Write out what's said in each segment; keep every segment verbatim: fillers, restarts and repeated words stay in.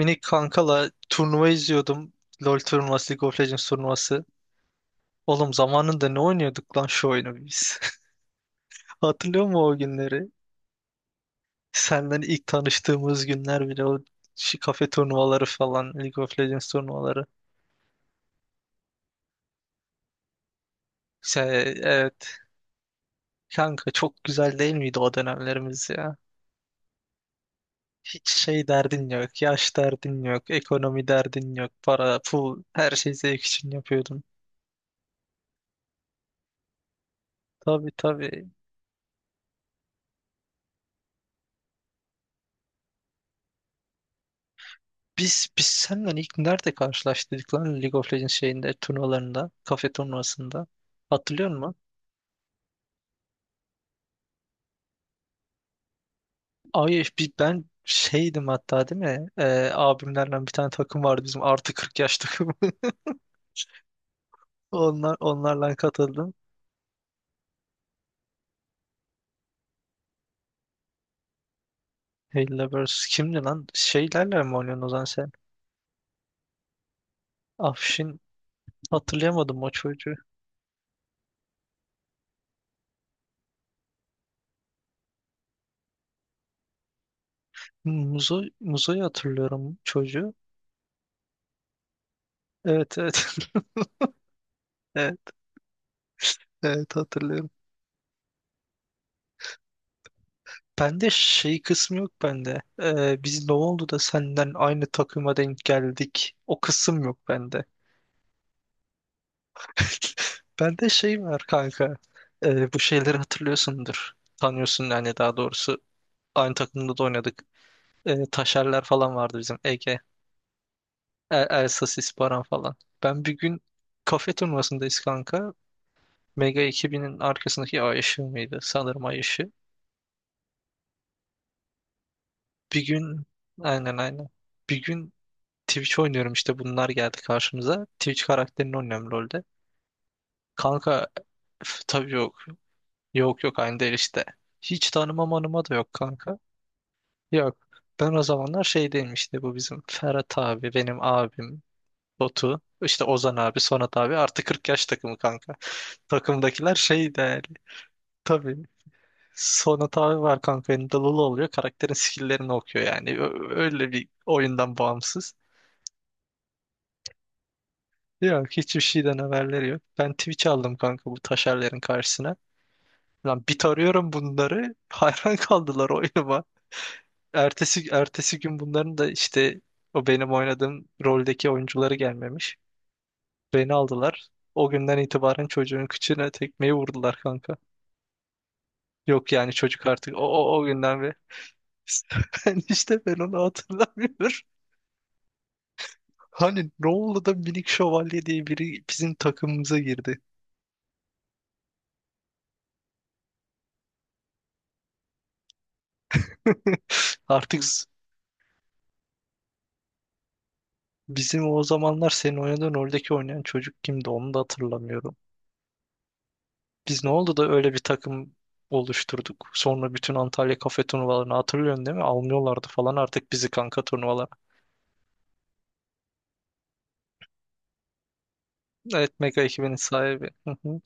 Minik kankala turnuva izliyordum. LoL turnuvası, League of Legends turnuvası. Oğlum zamanında ne oynuyorduk lan şu oyunu biz? Hatırlıyor musun o günleri? Senden ilk tanıştığımız günler bile o şi- kafe turnuvaları falan, League of Legends turnuvaları. Se- evet. Kanka çok güzel değil miydi o dönemlerimiz ya? Hiç şey derdin yok, yaş derdin yok, ekonomi derdin yok, para, pul, her şeyi zevk için yapıyordun. Tabii, tabii. Biz biz seninle ilk nerede karşılaştık lan League of Legends şeyinde turnuvalarında, kafe turnuvasında. Hatırlıyor musun? Ay bir ben şeydim hatta değil mi? Ee, abimlerle bir tane takım vardı bizim artı kırk yaş takımı. Onlar onlarla katıldım. Hella versus kimdi lan? Şeylerle mi oynuyorsun o zaman sen? Afşin, hatırlayamadım o çocuğu. Muzo, Muzo'yu hatırlıyorum çocuğu. Evet, evet. Evet, evet, hatırlıyorum. Bende şey kısmı yok bende. Ee, biz ne oldu da senden aynı takıma denk geldik. O kısım yok bende. Bende şey var kanka. Ee, bu şeyleri hatırlıyorsundur. Tanıyorsun yani daha doğrusu. Aynı takımda da oynadık. Ee, Taşerler falan vardı bizim. Ege, El, Elsasis, Baran falan. Ben bir gün kafe turnuvasındayız kanka. Mega iki binin arkasındaki Ay ışığı mıydı? Sanırım Ay ışığı. Bir gün Aynen, aynen. Bir gün Twitch oynuyorum işte bunlar geldi karşımıza. Twitch karakterini oynuyorum LoL'de. Kanka üf, tabii yok. Yok, yok, aynı değil işte. Hiç tanımam anıma da yok kanka. Yok. Ben o zamanlar şeydeyim işte bu bizim Ferhat abi, benim abim, Batu, işte Ozan abi, Sonat abi artı kırk yaş takımı kanka. Takımdakiler şey değerli. Tabii. Sonat abi var kanka elinde Lulu oluyor. Karakterin skill'lerini okuyor yani. Ö- Öyle bir oyundan bağımsız. Yok hiçbir şeyden haberleri yok. Ben Twitch aldım kanka bu taşerlerin karşısına. Lan bit arıyorum bunları. Hayran kaldılar oyunuma. Ertesi, ertesi gün bunların da işte o benim oynadığım roldeki oyuncuları gelmemiş. Beni aldılar. O günden itibaren çocuğun kıçına tekmeyi vurdular kanka. Yok yani çocuk artık o, o, o günden ve ben işte ben onu hatırlamıyorum. Hani ne oldu da minik şövalye diye biri bizim takımımıza girdi. Artık Bizim o zamanlar senin oynadığın oradaki oynayan çocuk kimdi onu da hatırlamıyorum. Biz ne oldu da öyle bir takım oluşturduk. Sonra bütün Antalya kafe turnuvalarını hatırlıyorsun değil mi? Almıyorlardı falan artık bizi kanka turnuvalara. Evet, Mega ekibinin sahibi. Hı hı.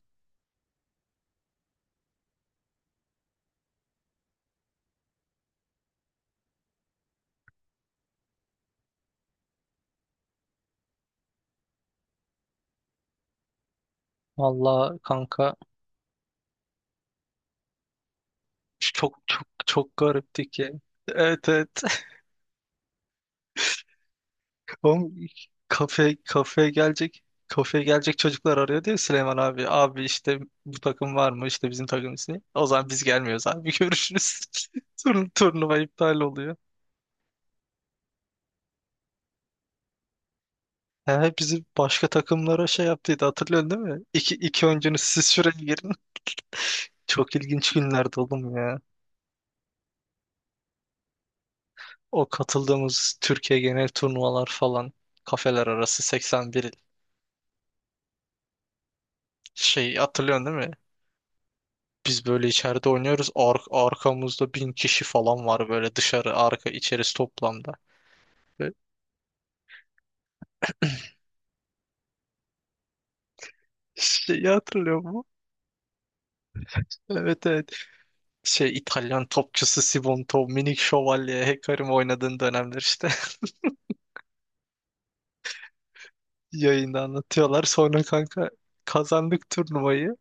Vallahi kanka çok, çok, çok garipti ki. Evet, evet. Oğlum kafe kafeye gelecek kafeye gelecek çocuklar arıyor diyor Süleyman abi. Abi işte bu takım var mı? İşte bizim takım ismi. O zaman biz gelmiyoruz abi. Görüşürüz. Turn turnuva iptal oluyor. He, bizi başka takımlara şey yaptıydı hatırlıyorsun değil mi? İki, iki oyuncunuz siz şuraya girin. Çok ilginç günlerdi oğlum ya. O katıldığımız Türkiye genel turnuvalar falan kafeler arası seksen bir şey hatırlıyorsun değil mi? Biz böyle içeride oynuyoruz. Ar arkamızda bin kişi falan var böyle dışarı arka içerisi toplamda. Ve Şeyi hatırlıyor mu? Evet, evet. Şey İtalyan topçusu Sibonto, Minik Şövalye, Hecarim oynadığın dönemler işte. Yayında anlatıyorlar. Sonra kanka kazandık turnuvayı.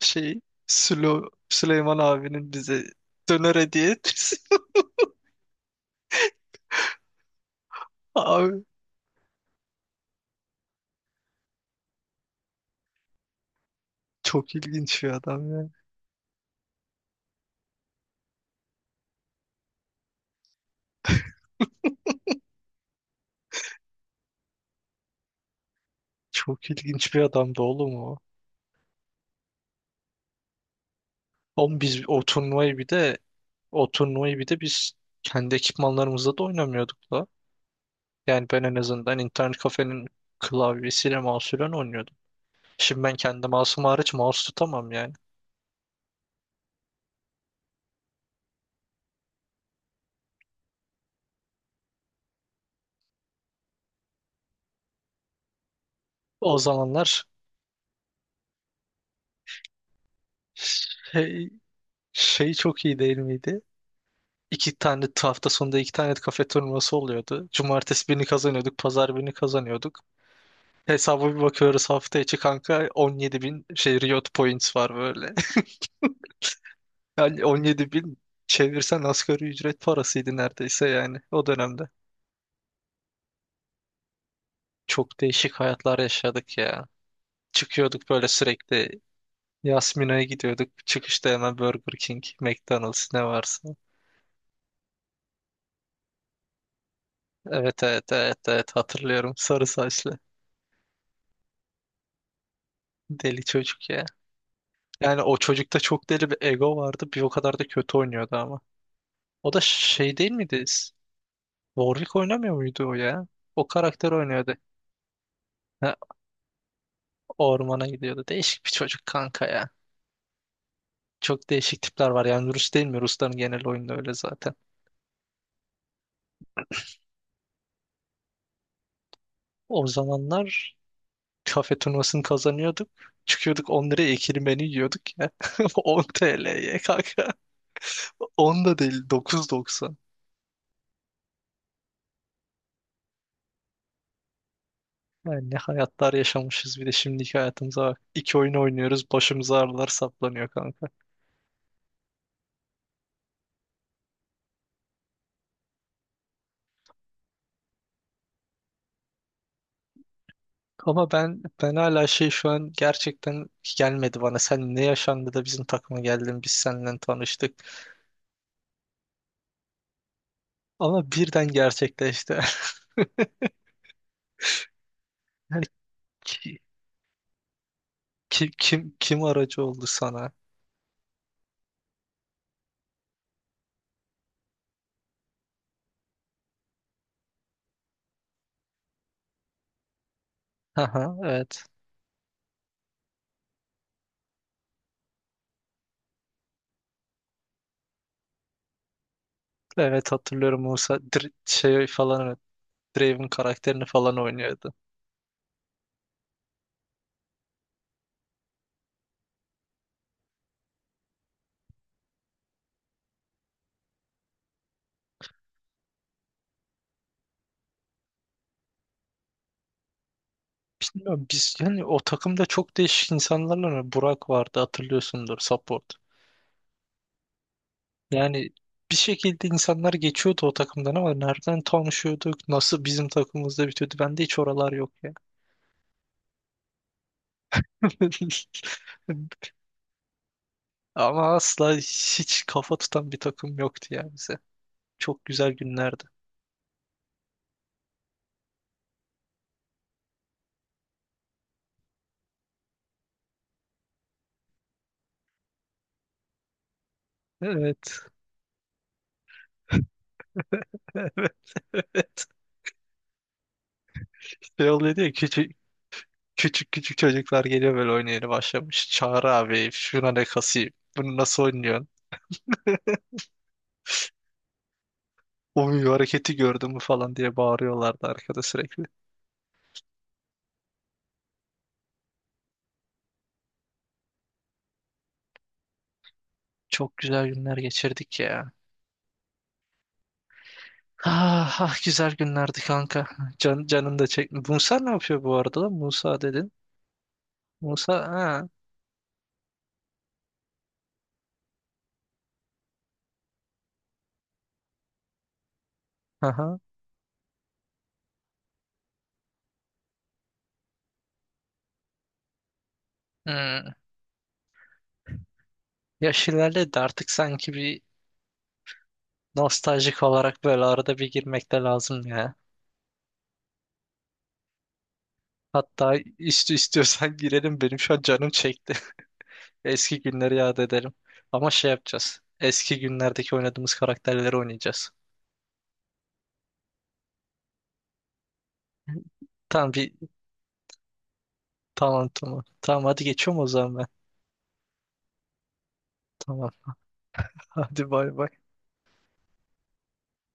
Şey Sülo, Süleyman abinin bize döner hediye etmesi. Abi çok ilginç bir adam ya. Çok ilginç bir adamdı oğlum o. Oğlum biz o turnuvayı bir de o turnuvayı bir de biz kendi ekipmanlarımızla da oynamıyorduk da. Yani ben en azından internet kafenin klavyesiyle mouse'uyla oynuyordum. Şimdi ben kendi mouse'um hariç mouse tutamam yani. O zamanlar şey, şey çok iyi değil miydi? İki tane hafta sonunda iki tane kafe turnuvası oluyordu. Cumartesi birini kazanıyorduk, pazar birini kazanıyorduk. Hesaba bir bakıyoruz hafta içi kanka on yedi bin şey Riot Points var böyle. Yani on yedi bin çevirsen asgari ücret parasıydı neredeyse yani o dönemde. Çok değişik hayatlar yaşadık ya. Çıkıyorduk böyle sürekli Yasmina'ya gidiyorduk. Çıkışta hemen Burger King, McDonald's ne varsa. Evet, evet, evet, evet, hatırlıyorum. Sarı saçlı. Deli çocuk ya. Yani o çocukta çok deli bir ego vardı. Bir o kadar da kötü oynuyordu ama. O da şey değil miydi? Warwick oynamıyor muydu o ya? O karakter oynuyordu. Ha, ormana gidiyordu. Değişik bir çocuk kanka ya. Çok değişik tipler var yani Rus değil mi? Rusların genel oyunu öyle zaten. O zamanlar kafe turnuvasını kazanıyorduk. Çıkıyorduk on liraya ikili menü yiyorduk ya. on T L'ye kanka. on da değil dokuz doksan. Yani ne hayatlar yaşamışız bir de şimdiki hayatımıza bak. İki oyun oynuyoruz başımıza ağrılar saplanıyor kanka. Ama ben ben hala şey şu an gerçekten gelmedi bana. Sen ne yaşandı da bizim takıma geldin biz seninle tanıştık. Ama birden gerçekleşti. Yani, Kim kim kim aracı oldu sana? Aha, evet. Evet hatırlıyorum Musa Dr- şey falan, evet, Draven karakterini falan oynuyordu. Bilmiyorum biz yani o takımda çok değişik insanlarla mı? Burak vardı hatırlıyorsundur support. Yani bir şekilde insanlar geçiyordu o takımdan ama nereden tanışıyorduk? Nasıl bizim takımımızda bitiyordu? Bende hiç oralar yok ya. Ama asla hiç kafa tutan bir takım yoktu ya bize. Çok güzel günlerdi. Evet. Evet. Şey oluyor diye küçük küçük küçük çocuklar geliyor böyle oynayana başlamış. Çağrı abi şuna ne kasayım. Bunu nasıl oynuyorsun? Oy hareketi gördün mü falan diye bağırıyorlardı arkada sürekli. Çok güzel günler geçirdik ya. Ah, ah, güzel günlerdi kanka. Can, canım da çekti. Musa ne yapıyor bu arada lan? Musa dedin. Musa ha. Aha. Hmm. Yaş ilerledi artık sanki bir nostaljik olarak böyle arada bir girmek de lazım ya. Hatta ist istiyorsan girelim benim şu an canım çekti. Eski günleri yad edelim. Ama şey yapacağız. Eski günlerdeki oynadığımız karakterleri oynayacağız. Tamam bir tamam, tamam. Tamam hadi geçiyorum o zaman ben. Tamam. Hadi, bay bay.